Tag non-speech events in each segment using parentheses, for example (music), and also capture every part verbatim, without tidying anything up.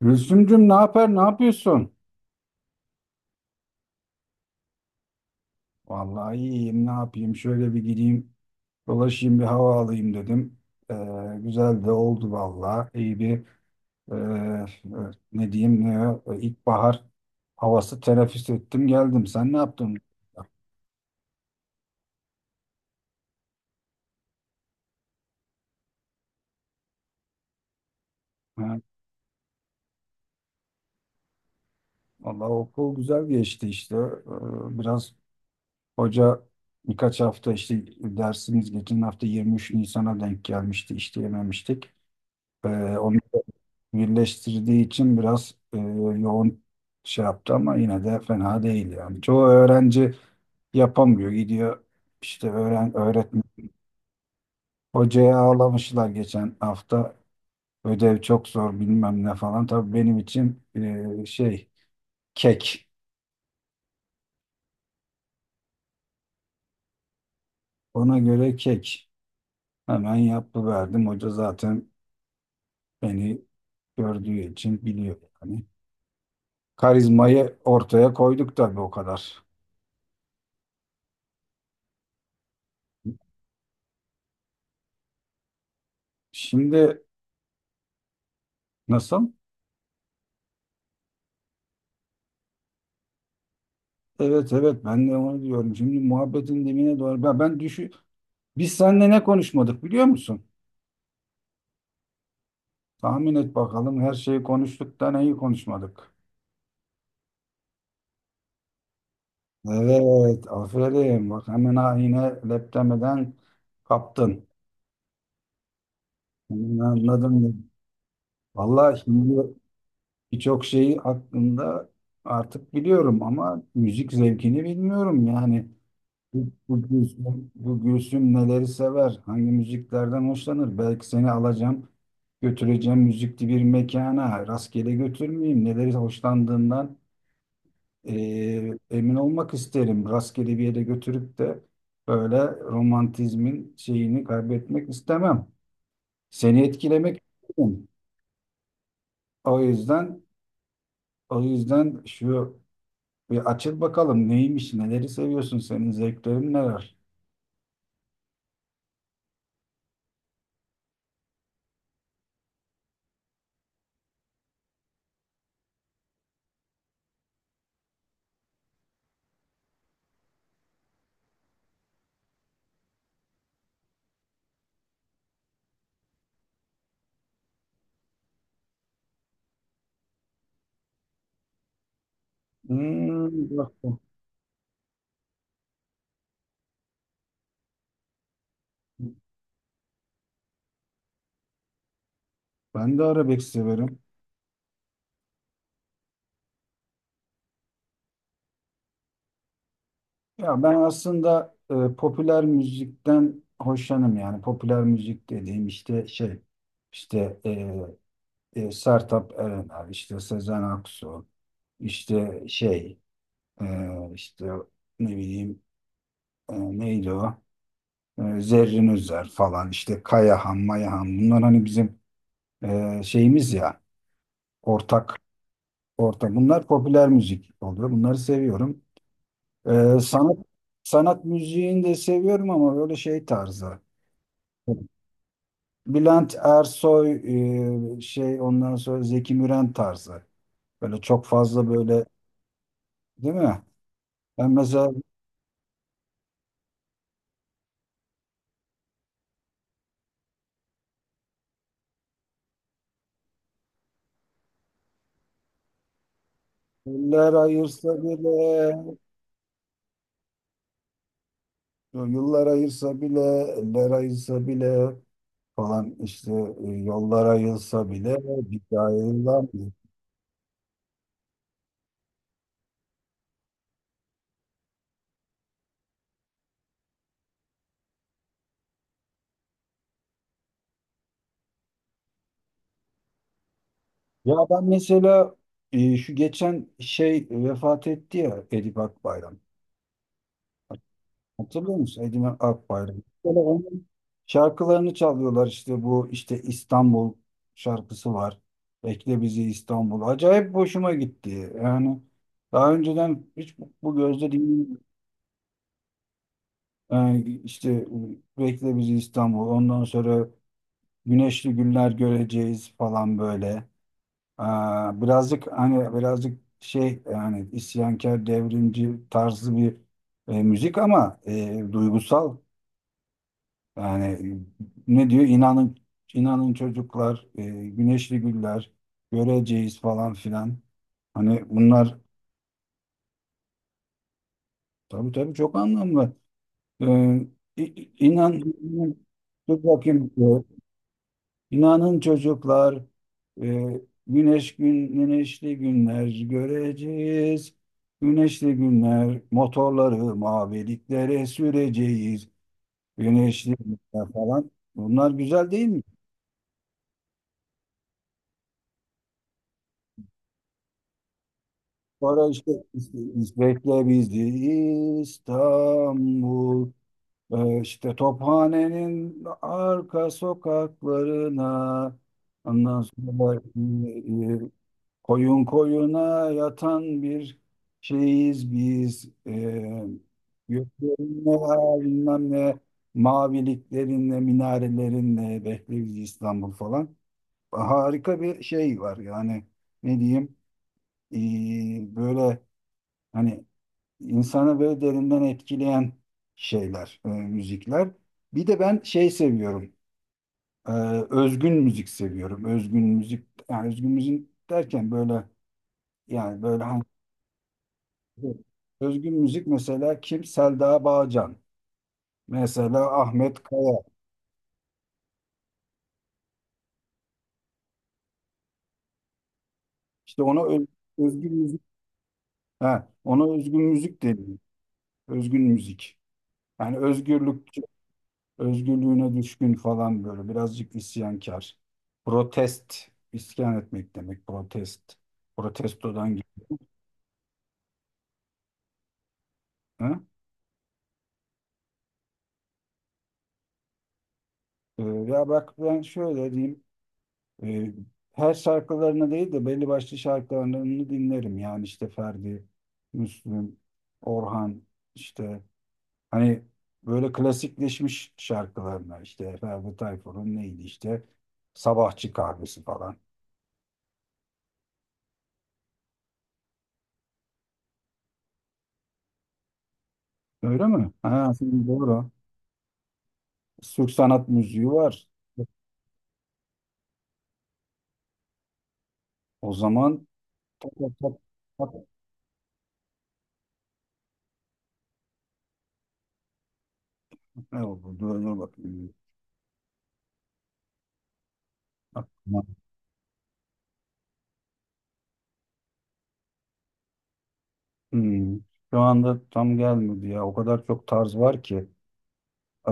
Gülsümcüm ne yapar, ne yapıyorsun? Vallahi iyiyim, ne yapayım? Şöyle bir gideyim, dolaşayım, bir hava alayım dedim. Ee, güzel de oldu vallahi. İyi bir e, e, ne diyeyim, ne, o, e, ilkbahar havası teneffüs ettim, geldim. Sen ne yaptın? Ha, vallahi okul güzel geçti işte. Ee, biraz hoca birkaç hafta işte dersimiz geçen hafta yirmi üç Nisan'a denk gelmişti, işleyememiştik. Ee, birleştirdiği için biraz e, yoğun şey yaptı ama yine de fena değil yani. Çoğu öğrenci yapamıyor. Gidiyor işte öğren öğretmen hocaya ağlamışlar geçen hafta. Ödev çok zor bilmem ne falan. Tabii benim için e, şey kek. Ona göre kek. Hemen yapıverdim. Hoca zaten beni gördüğü için biliyor yani. Karizmayı ortaya koyduk tabii o kadar. Şimdi nasıl? Evet, evet, ben de onu diyorum. Şimdi muhabbetin dibine doğru. Ben, ben düşü biz seninle ne konuşmadık biliyor musun? Tahmin et bakalım her şeyi konuştuk da neyi konuşmadık? Evet, aferin, bak hemen ha yine leptemeden kaptın. Hemen anladım ben. Vallahi şimdi birçok şeyi aklımda artık biliyorum ama müzik zevkini bilmiyorum yani. Bu, bu Gülsüm, bu Gülsüm neleri sever? Hangi müziklerden hoşlanır? Belki seni alacağım, götüreceğim müzikli bir mekana. Rastgele götürmeyeyim. Neleri hoşlandığından eee, emin olmak isterim. Rastgele bir yere götürüp de böyle romantizmin şeyini kaybetmek istemem. Seni etkilemek isterim. O yüzden, o yüzden şu bir açıl bakalım neymiş, neleri seviyorsun, senin zevklerin neler? Hmm, bak, ben de arabesk severim. Ya ben aslında e, popüler müzikten hoşlanım, yani popüler müzik dediğim işte şey, işte e, e, Sertab Erener, işte Sezen Aksu, işte şey, e, işte ne bileyim, e, neydi o e, Zerrin Özer falan, işte Kayahan Mayahan. Bunlar hani bizim e, şeyimiz ya, ortak ortak bunlar, popüler müzik oluyor, bunları seviyorum. E, sanat sanat müziğini de seviyorum ama böyle şey tarzı. e, Bülent Ersoy, e, şey, ondan sonra Zeki Müren tarzı. Böyle çok fazla böyle değil mi? Ben mesela eller ayırsa bile, yıllar ayırsa bile, eller ayırsa bile falan, işte e, yollar ayırsa bile bir daha ayrılamıyor. Ya ben mesela e, şu geçen şey vefat etti ya, Edip Akbayram. Hatırlıyor musun Edime Akbayram? Böyle onun şarkılarını çalıyorlar işte, bu işte İstanbul şarkısı var. Bekle bizi İstanbul. Acayip hoşuma gitti. Yani daha önceden hiç bu, bu gözle dinlemedim. Yani işte Bekle bizi İstanbul. Ondan sonra güneşli günler göreceğiz falan böyle. Aa, birazcık hani, birazcık şey yani, isyankar devrimci tarzı bir e, müzik ama e, duygusal. Yani ne diyor? İnanın inanın çocuklar, e, güneşli güller göreceğiz falan filan. Hani bunlar tabii, tabii çok anlamlı. Ee, i- i- inan dur bakayım, diyor. İnanın çocuklar, e, güneş gün güneşli günler göreceğiz. Güneşli günler, motorları maviliklere süreceğiz. Güneşli günler falan. Bunlar güzel değil mi? Sonra işte İs- bizi İstanbul. Ee, işte Tophane'nin arka sokaklarına, ondan sonra e, e, koyun koyuna yatan bir şeyiz biz, ee, göklerinle bilmem ne, maviliklerinle, minarelerinle, bekle bizi İstanbul falan, harika bir şey var yani, ne diyeyim. Ee, böyle hani insanı böyle derinden etkileyen şeyler, e, müzikler. Bir de ben şey seviyorum, e, özgün müzik seviyorum. Özgün müzik, yani özgün müzik derken böyle, yani böyle hani, özgün müzik mesela kim? Selda Bağcan. Mesela Ahmet Kaya. İşte ona öz- özgün müzik, ha, ona özgün müzik deniyor. Özgün müzik. Yani özgürlük özgürlüğüne düşkün falan, böyle birazcık isyankar. Protest, isyan etmek demek protest. Protestodan gibi. Ha? Ee, ya bak ben şöyle diyeyim. Ee, her şarkılarını değil de belli başlı şarkılarını dinlerim. Yani işte Ferdi, Müslüm, Orhan işte, hani böyle klasikleşmiş şarkılarına, işte Ferdi Tayfur'un neydi işte Sabahçı Kahvesi falan. Öyle mi? Ha, şimdi doğru. Türk sanat müziği var. O zaman dur bakayım. Aklıma- Hmm. Şu anda tam gelmedi ya. O kadar çok tarz var ki. Ee,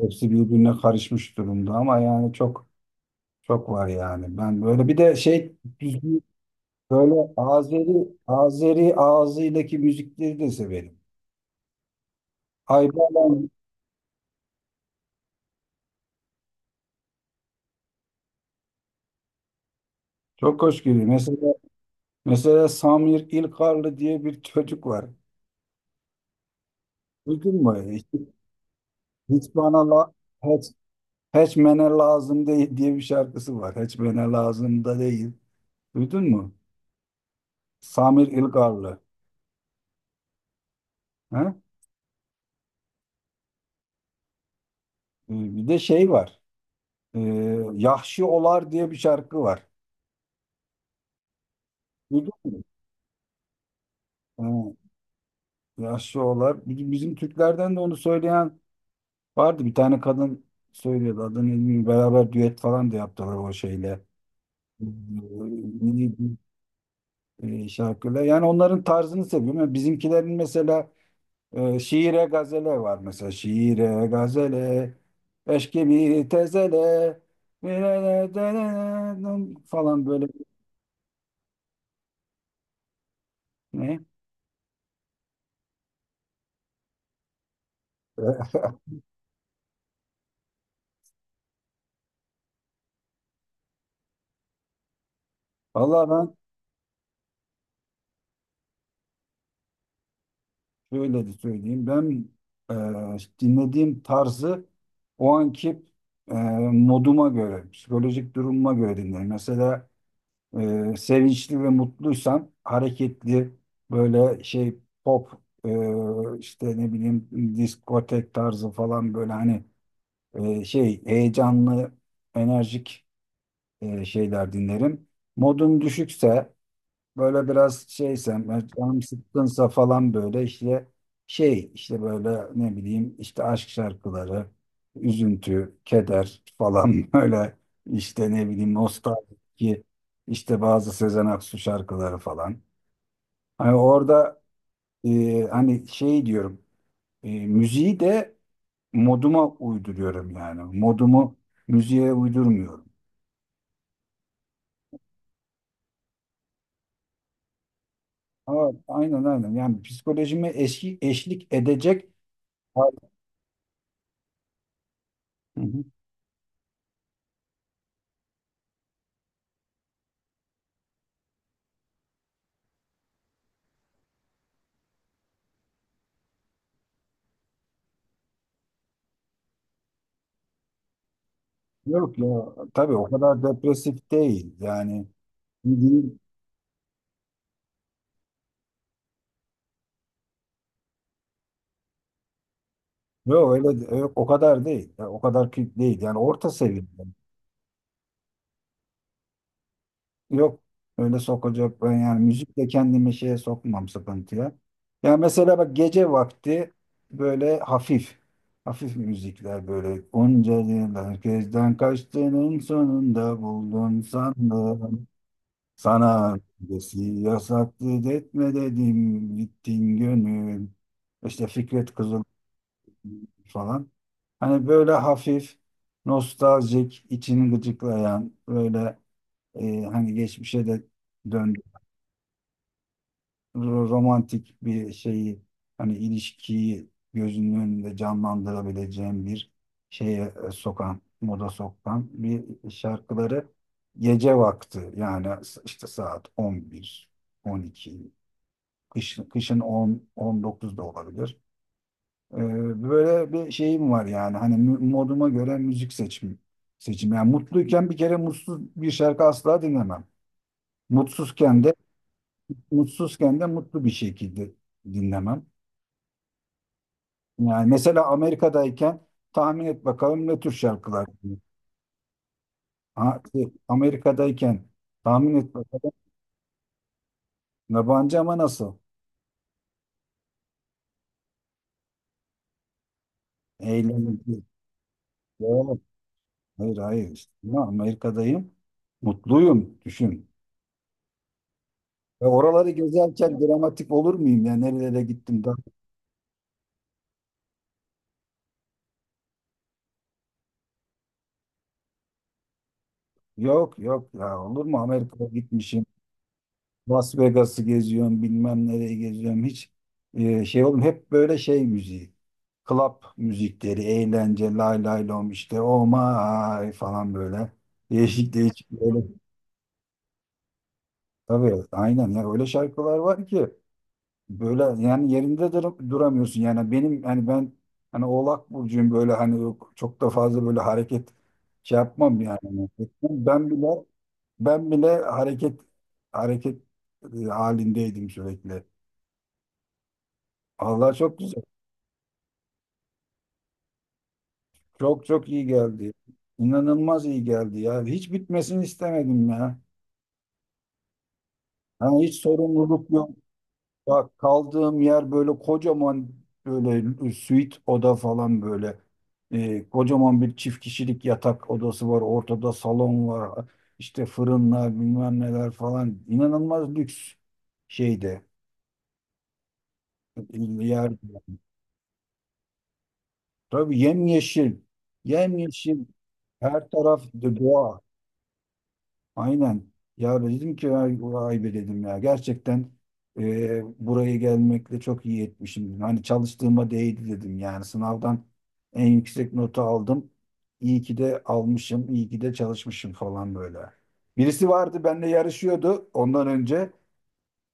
hepsi birbirine karışmış durumda ama yani çok çok var yani. Ben böyle bir de şey, düzgün, böyle Azeri Azeri ağzıyla müzikleri de severim. Aybalan çok hoş geliyor. Mesela mesela Samir İlkarlı diye bir çocuk var. Duydun mu? Hiç, hiç bana la, hiç, Heçmene lazım değil diye bir şarkısı var. Heçmene lazım da değil. Duydun mu? Samir İlgarlı. Ha? Ee, bir de şey var. Ee, Yahşi Olar diye bir şarkı var. Duydun mu? Ha, Yahşi Olar. Bizim bizim Türklerden de onu söyleyen vardı. Bir tane kadın söylüyordu. Adını bilmiyorum. Beraber düet falan da yaptılar o şeyle. Ee, Milli bir, e, şarkıyla. Yani onların tarzını seviyorum. Yani bizimkilerin mesela, Ee, şiire gazele var mesela. Şiire gazele, eşk gibi tezele, e, e, e, e, e, e, e, falan böyle. Ne? (laughs) Vallahi ben şöyle de söyleyeyim. Ben e, dinlediğim tarzı o anki e, moduma göre, psikolojik durumuma göre dinlerim. Mesela e, sevinçli ve mutluysam hareketli, böyle şey, pop, e, işte ne bileyim, diskotek tarzı falan, böyle hani e, şey heyecanlı, enerjik e, şeyler dinlerim. Modum düşükse, böyle biraz şeysem, yani canım sıkkınsa falan, böyle işte şey, işte böyle ne bileyim, işte aşk şarkıları, üzüntü, keder falan, (laughs) böyle işte ne bileyim, nostalji, işte bazı Sezen Aksu şarkıları falan. Hani orada e, hani şey diyorum, e, müziği de moduma uyduruyorum yani. Modumu müziğe uydurmuyorum. Aa, aynen, aynen. Yani psikolojime eşi, eşlik edecek. Hı hı. Yok ya. Tabii o kadar depresif değil. Yani değil. Yok öyle de- yok, o kadar değil. Ya, o kadar ki değil. Yani orta seviye. Yok öyle sokacak, ben yani müzikle kendimi şeye sokmam, sıkıntıya. Ya mesela bak gece vakti böyle hafif hafif müzikler, böyle onca yıllar gözden kaçtığının sonunda buldun sandım. Sana öncesi yasaktı etme dedim gittin gönül. İşte Fikret Kızıl falan. Hani böyle hafif, nostaljik, içini gıcıklayan, böyle e, hani geçmişe de döndü, ro- romantik bir şeyi, hani ilişkiyi gözünün önünde canlandırabileceğin bir şeye e, sokan, moda sokan bir şarkıları, gece vakti, yani s- işte saat on bir, on iki, kış, kışın on, on dokuz da olabilir. Ee, böyle bir şeyim var, yani hani mü- moduma göre müzik seçim seçim. Yani mutluyken bir kere mutsuz bir şarkı asla dinlemem. Mutsuzken de mutsuzken de mutlu bir şekilde dinlemem. Yani mesela Amerika'dayken tahmin et bakalım ne tür şarkılar dinliyor. Ha, şey, Amerika'dayken tahmin et bakalım. Yabancı ama nasıl? Eğlenceli. Yok, hayır, hayır, işte. Ya Amerika'dayım. Mutluyum. Düşün. Ve oraları gezerken dramatik olur muyum ya? Nerelere gittim daha? Yok, yok ya, olur mu, Amerika'ya gitmişim. Las Vegas'ı geziyorum, bilmem nereye geziyorum. Hiç e, şey oğlum, hep böyle şey müziği. Club müzikleri, eğlence, lay lay lom işte, oh my falan böyle. Değişik, değişik böyle. Tabii aynen ya, öyle şarkılar var ki, böyle yani yerinde dur- duramıyorsun. Yani benim hani, ben hani Oğlak Burcu'yum, böyle hani yok, çok da fazla böyle hareket şey yapmam yani. Ben bile ben bile hareket hareket e, halindeydim sürekli. Allah çok güzel. Çok çok iyi geldi. İnanılmaz iyi geldi ya. Hiç bitmesini istemedim ya. Hani hiç sorumluluk yok. Bak, kaldığım yer böyle kocaman, böyle e, suite oda falan böyle. Ee, kocaman bir çift kişilik yatak odası var. Ortada salon var. İşte fırınlar bilmem neler falan. İnanılmaz lüks şeyde. Yer. Tabii yemyeşil. Yemyeşil. Her taraf doğa. Aynen. Ya dedim ki ay, vay be dedim ya. Gerçekten e, buraya gelmekle çok iyi etmişim dedim. Hani çalıştığıma değdi dedim. Yani sınavdan en yüksek notu aldım. İyi ki de almışım, iyi ki de çalışmışım falan böyle. Birisi vardı benimle yarışıyordu ondan önce.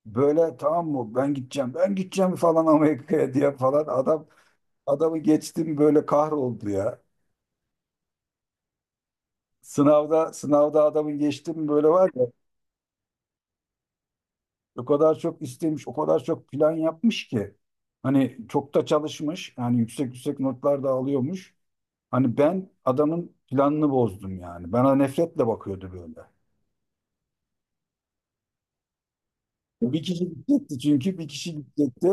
Böyle tamam mı, ben gideceğim, ben gideceğim falan Amerika'ya diye falan. Adam adamı geçtim, böyle kahroldu ya. Sınavda sınavda adamı geçtim böyle, var ya. O kadar çok istemiş, o kadar çok plan yapmış ki. Hani çok da çalışmış. Yani yüksek yüksek notlar da alıyormuş. Hani ben adamın planını bozdum yani. Bana nefretle bakıyordu böyle. Bir kişi gidecekti çünkü, bir kişi gidecekti.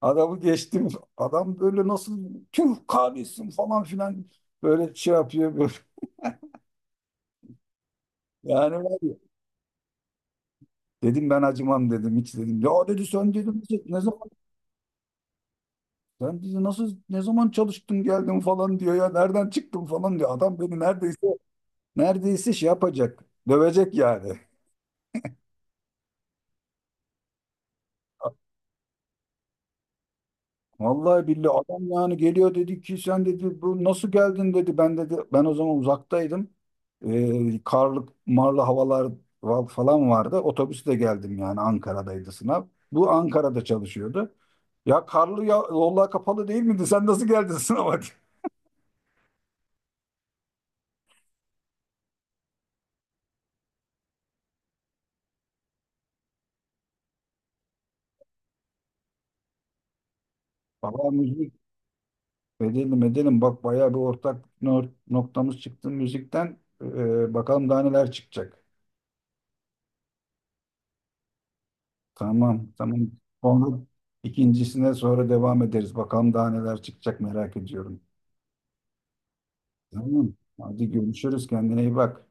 Adamı geçtim. Adam böyle nasıl tüh kahretsin falan filan, böyle şey yapıyor böyle. Yani var ya. Dedim ben acımam dedim, hiç dedim. Ya dedi, sen dedim ne zaman, sen dedi nasıl, ne zaman çalıştın geldin falan diyor ya, nereden çıktın falan diyor. Adam beni neredeyse Neredeyse şey yapacak. Dövecek yani. Vallahi billahi adam yani geliyor, dedi ki sen dedi bu nasıl geldin dedi. Ben dedi, ben o zaman uzaktaydım. Ee, karlı marlı havalar val- falan vardı. Otobüsle geldim yani, Ankara'daydı sınav. Bu Ankara'da çalışıyordu. Ya karlı ya, yollar kapalı değil miydi? Sen nasıl geldin sınava? (laughs) Valla müzik edelim edelim. Bak bayağı bir ortak no- noktamız çıktı müzikten. Ee, bakalım daha neler çıkacak. Tamam, tamam. Onu ikincisine sonra devam ederiz. Bakalım daha neler çıkacak, merak ediyorum. Tamam. Hadi görüşürüz. Kendine iyi bak.